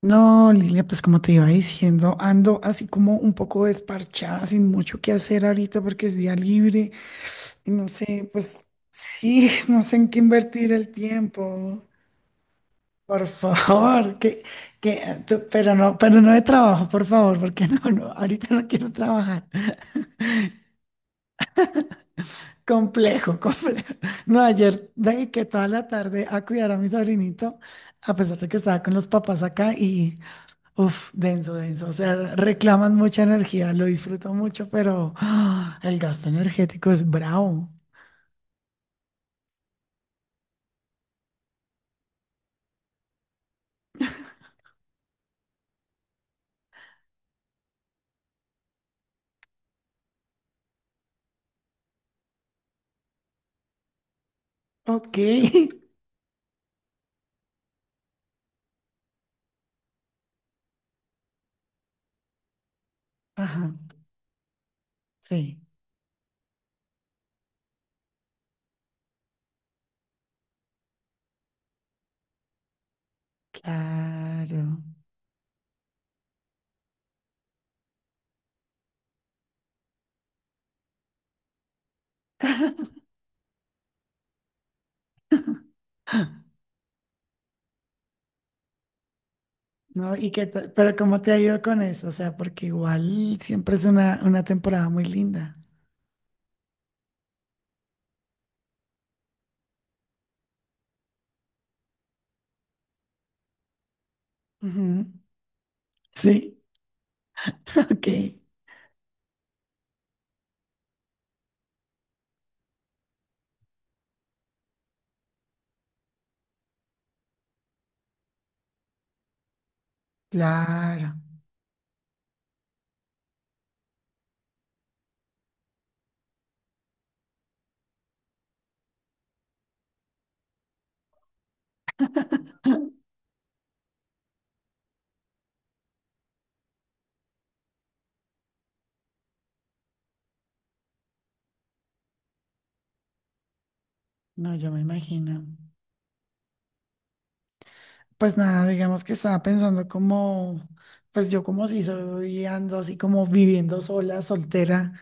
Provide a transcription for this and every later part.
No, Lilia, pues como te iba diciendo, ando así como un poco desparchada, sin mucho que hacer ahorita porque es día libre y no sé, pues sí, no sé en qué invertir el tiempo. Por favor, pero no de trabajo, por favor, porque no, no, ahorita no quiero trabajar. Complejo, complejo. No, ayer dediqué toda la tarde a cuidar a mi sobrinito, a pesar de que estaba con los papás acá y uf, denso, denso. O sea, reclaman mucha energía, lo disfruto mucho, pero el gasto energético es bravo. Ok. Ajá, sí, claro. No, pero ¿cómo te ha ido con eso? O sea, porque igual siempre es una temporada muy linda. Ujú. Sí, ok. Claro. No, yo me imagino. Pues nada, digamos que estaba pensando como, pues yo como si soy ando así como viviendo sola, soltera.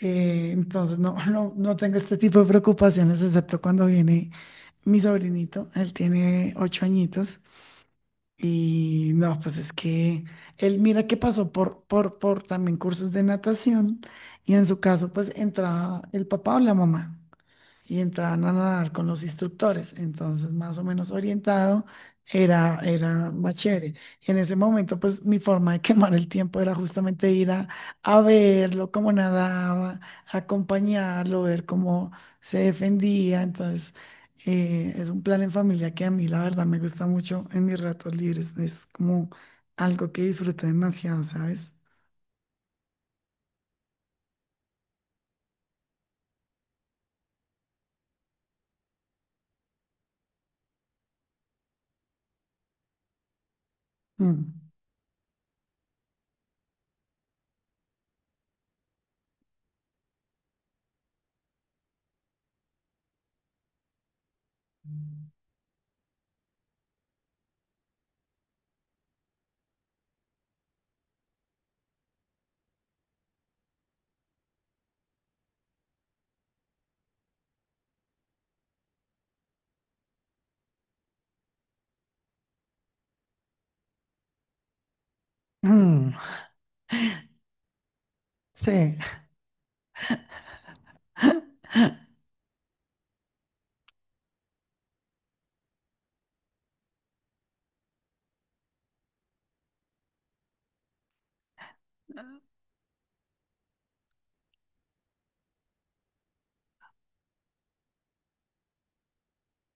Entonces no, no, no tengo este tipo de preocupaciones, excepto cuando viene mi sobrinito. Él tiene 8 añitos. Y no, pues es que él mira que pasó por también cursos de natación. Y en su caso, pues entraba el papá o la mamá y entraban a nadar con los instructores, entonces más o menos orientado era más chévere. Y en ese momento, pues mi forma de quemar el tiempo era justamente ir a verlo, cómo nadaba, acompañarlo, ver cómo se defendía. Entonces, es un plan en familia que a mí, la verdad, me gusta mucho en mis ratos libres. Es como algo que disfruto demasiado, ¿sabes? Mm. Mm, sí,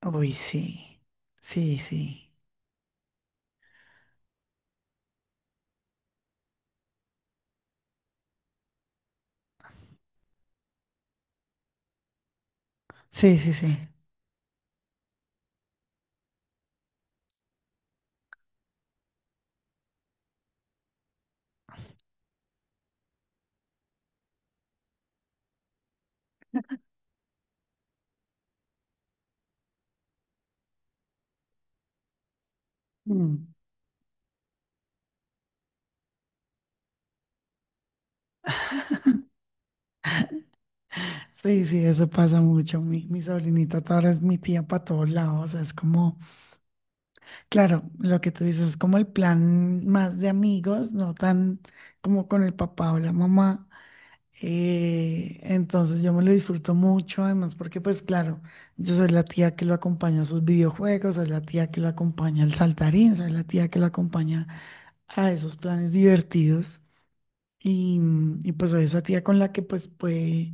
uy, sí, sí, sí, sí, sí, sí. Mm. Sí, sí, eso pasa mucho. Mi sobrinita toda ahora es mi tía para todos lados. O sea, es como, claro, lo que tú dices es como el plan más de amigos, no tan como con el papá o la mamá. Entonces yo me lo disfruto mucho, además, porque pues claro, yo soy la tía que lo acompaña a sus videojuegos, soy la tía que lo acompaña al saltarín, soy la tía que lo acompaña a esos planes divertidos. Y, y pues soy esa tía con la que pues puede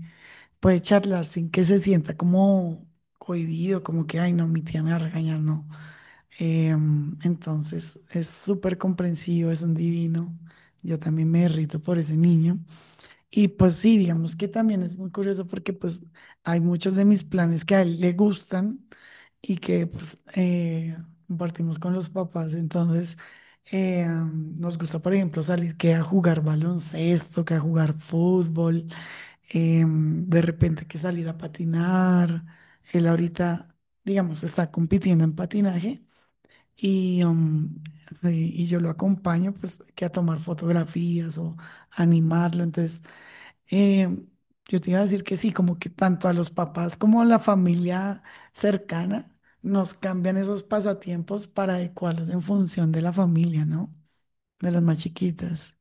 puede charlar sin que se sienta como cohibido, como que, ay, no, mi tía me va a regañar, no. Entonces es súper comprensivo, es un divino. Yo también me derrito por ese niño. Y pues sí, digamos que también es muy curioso porque pues hay muchos de mis planes que a él le gustan y que pues compartimos con los papás. Entonces nos gusta, por ejemplo, salir que a jugar baloncesto, que a jugar fútbol de repente que salir a patinar. Él ahorita, digamos, está compitiendo en patinaje y, sí, y yo lo acompaño pues que a tomar fotografías o animarlo. Entonces, em, yo te iba a decir que sí, como que tanto a los papás como a la familia cercana nos cambian esos pasatiempos para adecuarlos en función de la familia, ¿no? De las más chiquitas.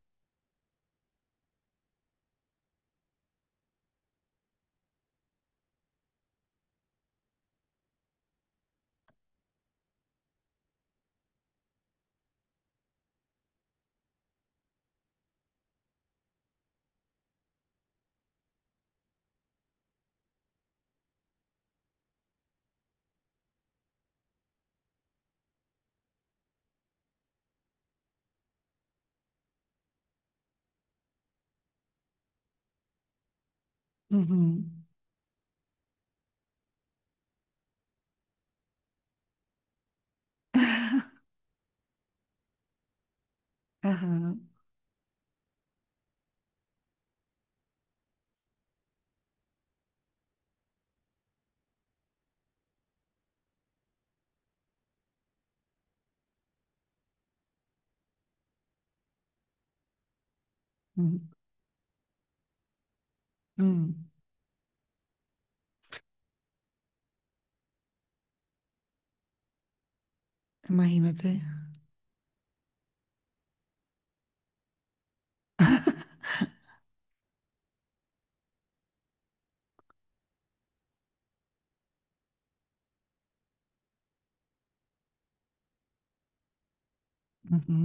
Ujú. Ajá. Ujú. Mm. Imagínate. Ujú.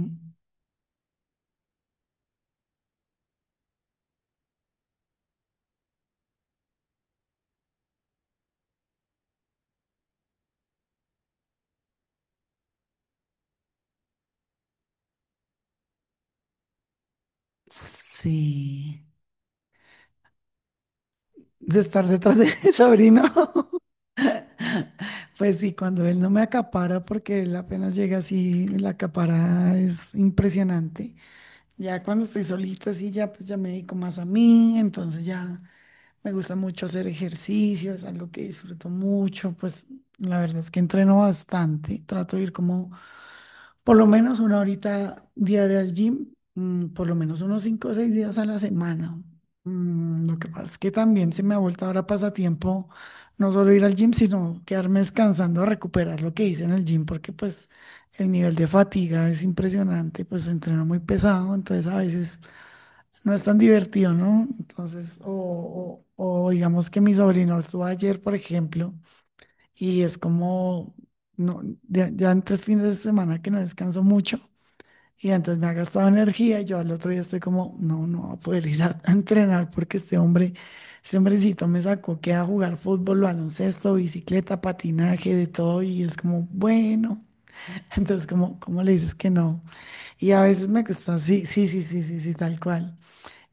Sí. De estar detrás de mi sobrino. Pues sí, cuando él no me acapara, porque él apenas llega así, la acapara es impresionante. Ya cuando estoy solita, así ya, pues ya me dedico más a mí, entonces ya me gusta mucho hacer ejercicio, es algo que disfruto mucho, pues la verdad es que entreno bastante, trato de ir como por lo menos una horita diaria al gym, por lo menos unos 5 o 6 días a la semana. Lo que pasa es que también se me ha vuelto ahora pasatiempo no solo ir al gym, sino quedarme descansando a recuperar lo que hice en el gym, porque pues el nivel de fatiga es impresionante, pues entreno muy pesado, entonces a veces no es tan divertido, ¿no? Entonces, o digamos que mi sobrino estuvo ayer, por ejemplo, y es como... No, ya, ya en 3 fines de semana que no descanso mucho y entonces me ha gastado energía y yo al otro día estoy como, no, no voy a poder ir a entrenar porque este hombre, este hombrecito me sacó que a jugar fútbol, baloncesto, bicicleta, patinaje, de todo y es como, bueno, entonces como, ¿cómo le dices que no? Y a veces me cuesta, sí, sí, sí, sí, sí, sí, tal cual.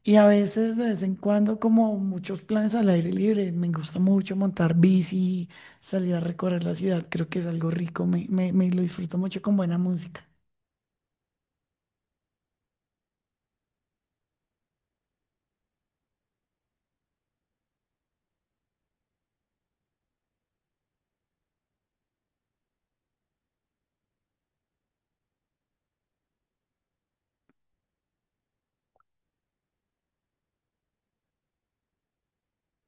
Y a veces de vez en cuando como muchos planes al aire libre, me gusta mucho montar bici, salir a recorrer la ciudad, creo que es algo rico, me lo disfruto mucho con buena música.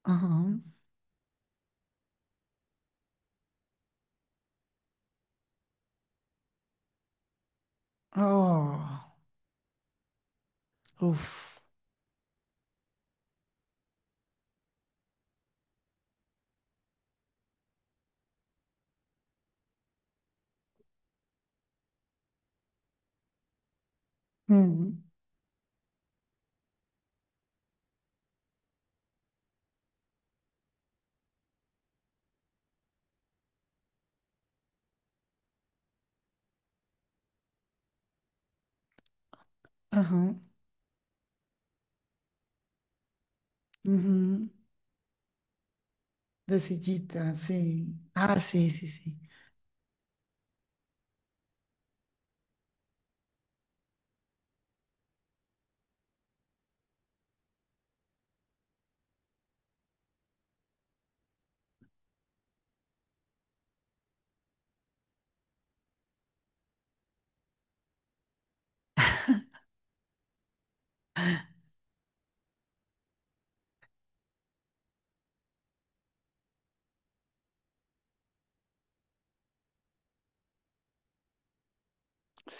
Ajá. Oh, uff. Mm, ajá. Ujú. De sillita, sí. Ah, sí, sí, sí.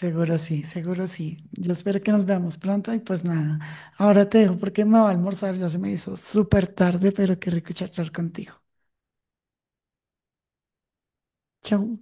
Seguro sí, seguro sí. Yo espero que nos veamos pronto y pues nada. Ahora te dejo porque me va a almorzar. Ya se me hizo súper tarde, pero qué rico charlar contigo. Chau.